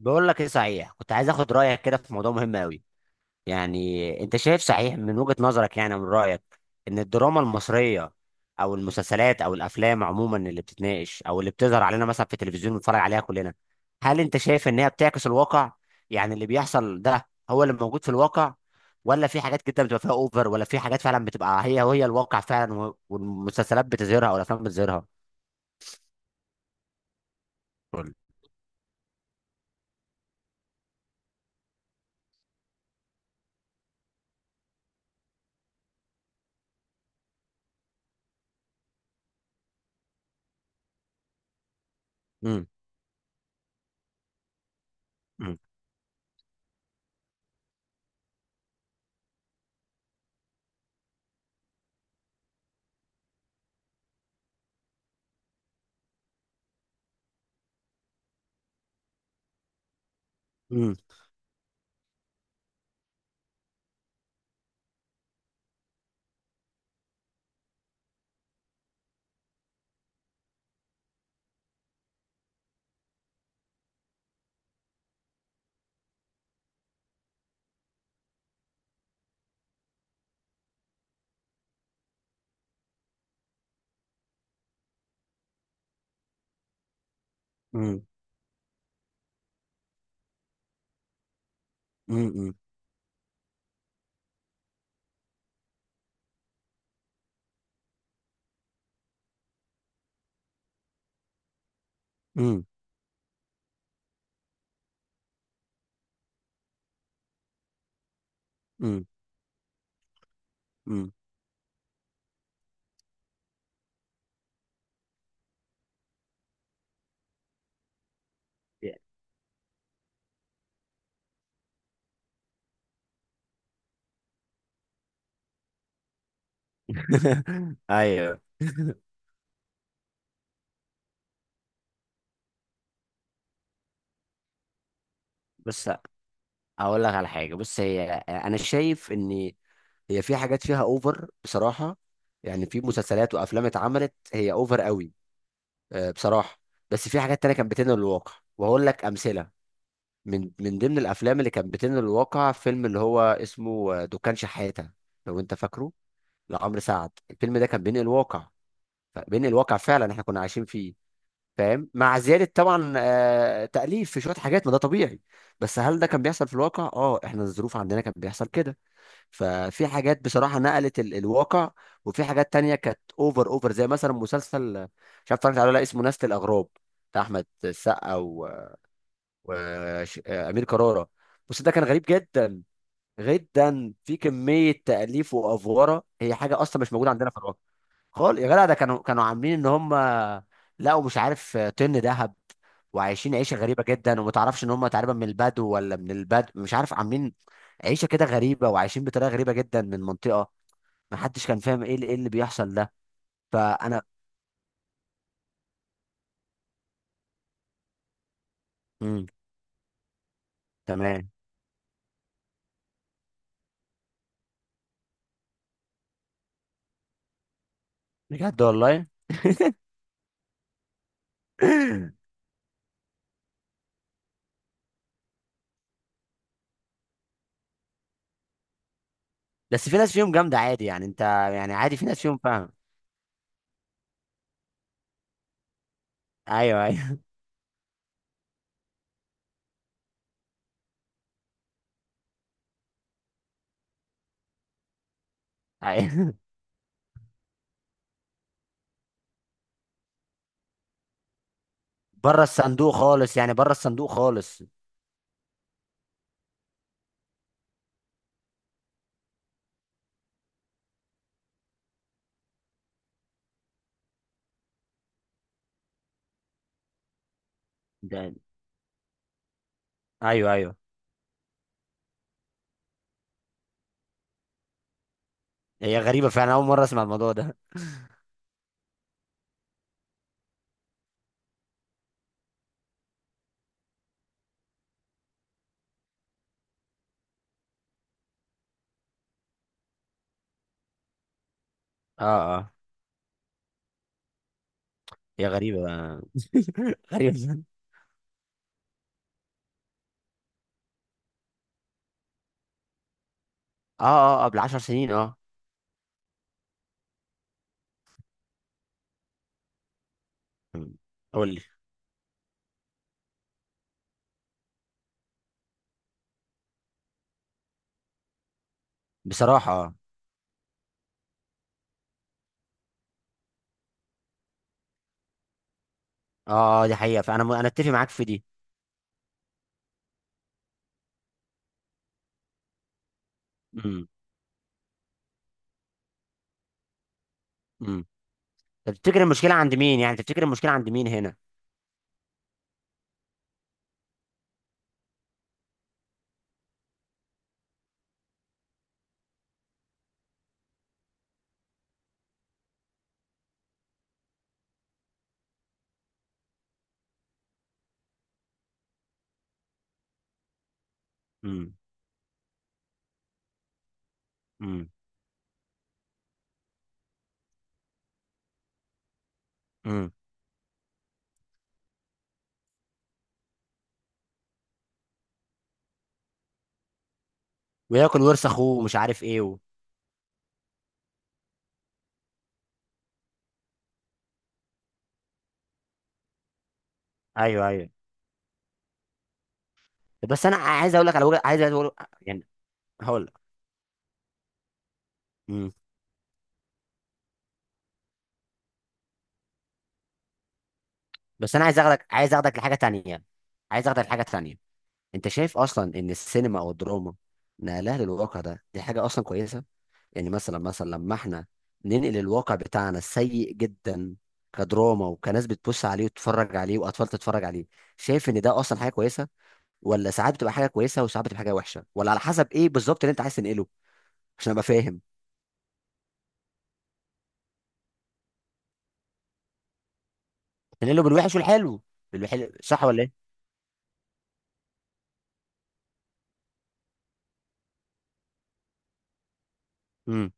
بقول لك ايه صحيح، كنت عايز اخد رايك كده في موضوع مهم قوي. يعني انت شايف صحيح من وجهة نظرك، يعني من رايك ان الدراما المصريه او المسلسلات او الافلام عموما اللي بتتناقش او اللي بتظهر علينا مثلا في التلفزيون بنتفرج عليها كلنا، هل انت شايف ان هي بتعكس الواقع؟ يعني اللي بيحصل ده هو اللي موجود في الواقع، ولا في حاجات كده بتبقى فيها اوفر، ولا في حاجات فعلا بتبقى هي وهي الواقع فعلا والمسلسلات بتظهرها او الافلام بتظهرها. قول. امم. امم. امم. امم. امم. امم. ايوه. بص، اقول لك على حاجه. بص، هي انا شايف ان هي في حاجات فيها اوفر بصراحه، يعني في مسلسلات وافلام اتعملت هي اوفر قوي، بصراحه. بس في حاجات تانية كانت بتنقل الواقع، وهقول لك امثله. من ضمن الافلام اللي كانت بتنقل الواقع، فيلم اللي هو اسمه دكان شحاته، لو انت فاكره، لعمرو سعد. الفيلم ده كان بينقل الواقع، بينقل الواقع فعلا، احنا كنا عايشين فيه، فاهم؟ مع زيادة طبعا تأليف في شوية حاجات، ما ده طبيعي. بس هل ده كان بيحصل في الواقع؟ اه، احنا الظروف عندنا كان بيحصل كده. ففي حاجات بصراحة نقلت الواقع، وفي حاجات تانية كانت اوفر اوفر، زي مثلا مسلسل مش عارف اتفرجت عليه ولا لا، اسمه نسل الأغراب، بتاع أحمد السقا وأمير كرارة. بس ده كان غريب جدا، جدا في كمية تأليف وأفوارة، هي حاجة أصلا مش موجودة عندنا في الواقع. خال يا جدع، ده كانوا عاملين ان هم لقوا مش عارف طن ذهب، وعايشين عيشه غريبه جدا، وما تعرفش ان هم تقريبا من البدو ولا من البدو مش عارف، عاملين عيشه كده غريبه، وعايشين بطريقه غريبه جدا من منطقه، ما حدش كان فاهم ايه اللي بيحصل ده. فانا. امم. تمام. بجد والله. بس في ناس فيهم جامده عادي، يعني انت، يعني عادي، في ناس فيهم، فاهم. ايوه ايوه ايوه. بره الصندوق خالص، يعني بره الصندوق خالص ده. ايوه ايوه. هي غريبه فعلا، اول مره اسمع الموضوع ده. اه اه. هي غريبة، غريبة. اه اه، قبل عشر سنين، اه. أمم. قول لي. بصراحة اه. اه دي حقيقة، فأنا أنا أتفق معاك في دي. امم. امم. طب تفتكر المشكلة عند مين، يعني تفتكر المشكلة عند مين هنا؟ امم. امم. امم. وياكل ورث أخوه ومش عارف إيه أيوه أيوه. بس أنا عايز أقول لك على وجه، عايز أقول. يعني. هقول لك. امم. بس أنا عايز أخدك، عايز أخدك لحاجة تانية، عايز أخدك لحاجة تانية. أنت شايف أصلا إن السينما أو الدراما نقلها للواقع ده، دي حاجة أصلا كويسة؟ يعني مثلا، مثلا لما احنا ننقل الواقع بتاعنا السيء جدا كدراما، وكناس بتبص عليه وتتفرج عليه واطفال تتفرج عليه، شايف ان ده اصلا حاجه كويسه؟ ولا ساعات بتبقى حاجه كويسه وساعات بتبقى حاجه وحشه، ولا على حسب ايه بالظبط اللي انت عايز تنقله؟ عشان ابقى فاهم. تنقله بالوحش والحلو، بالوحش، صح ولا ايه؟ امم.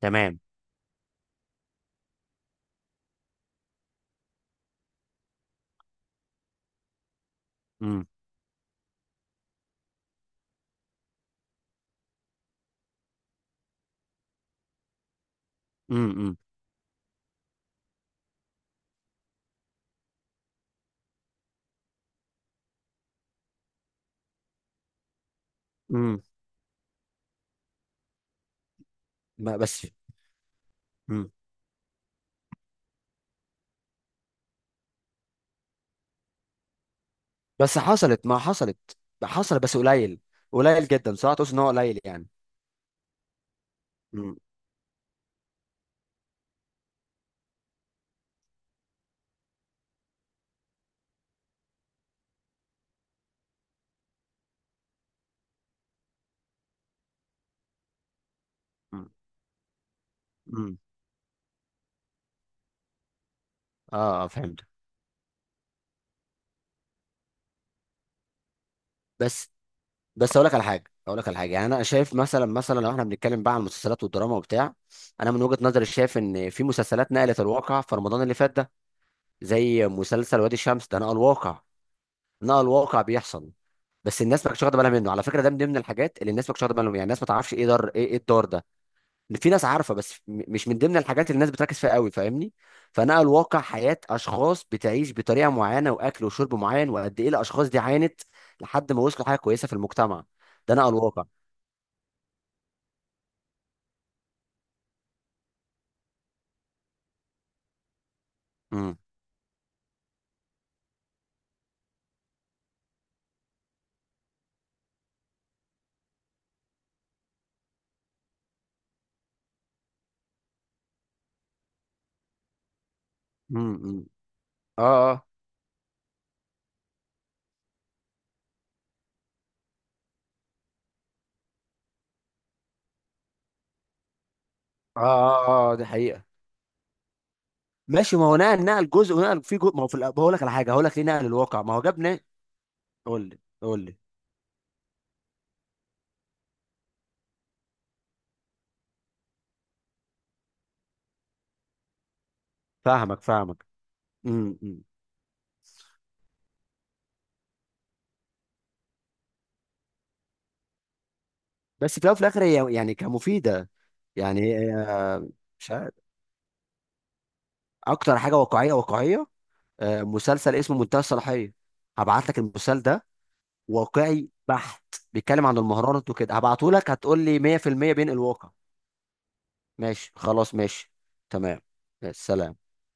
تمام. امم. امم. امم. ما بس. امم. بس حصلت ما حصلت، حصل بس قليل. قليل جدا، صح؟ تقصد ان هو قليل يعني. امم. امم. اه فهمت. بس، بس اقول لك على حاجه، اقول لك على حاجه، يعني انا شايف مثلا، مثلا لو احنا بنتكلم بقى عن المسلسلات والدراما وبتاع، انا من وجهه نظري شايف ان في مسلسلات نقلت الواقع في رمضان اللي فات ده، زي مسلسل وادي الشمس، ده نقل الواقع، نقل الواقع بيحصل. بس الناس ما كانتش واخده بالها منه، على فكره، ده من ضمن الحاجات اللي الناس ما كانتش واخده بالها منه، يعني الناس ما تعرفش ايه دار، ايه إيه الدار ده، في ناس عارفه بس مش من ضمن الحاجات اللي الناس بتركز فيها قوي، فاهمني. فنقل واقع حياه اشخاص بتعيش بطريقه معينه، واكل وشرب معين، وقد ايه الاشخاص دي عانت لحد ما وصلوا حاجه كويسه في المجتمع. ده نقل واقع. امم. امم. امم. اه اه اه. اه اه، دي حقيقة. ماشي، ما هو نقل جزء، ونقل في جزء، ما هو في بقول لك على حاجة، هقول لك ليه نقل الواقع ما هو جابنا. قول لي قول لي. فاهمك فاهمك. امم. أمم. بس في الأول وفي الآخر، هي يعني كمفيدة. يعني مش عارف. أكتر حاجة واقعية، واقعية، مسلسل اسمه منتهى الصلاحية، هبعت لك المسلسل ده، واقعي بحت، بيتكلم عن المهارات وكده، هبعته لك، هتقول لي 100% بين الواقع. ماشي، خلاص ماشي. تمام. سلام.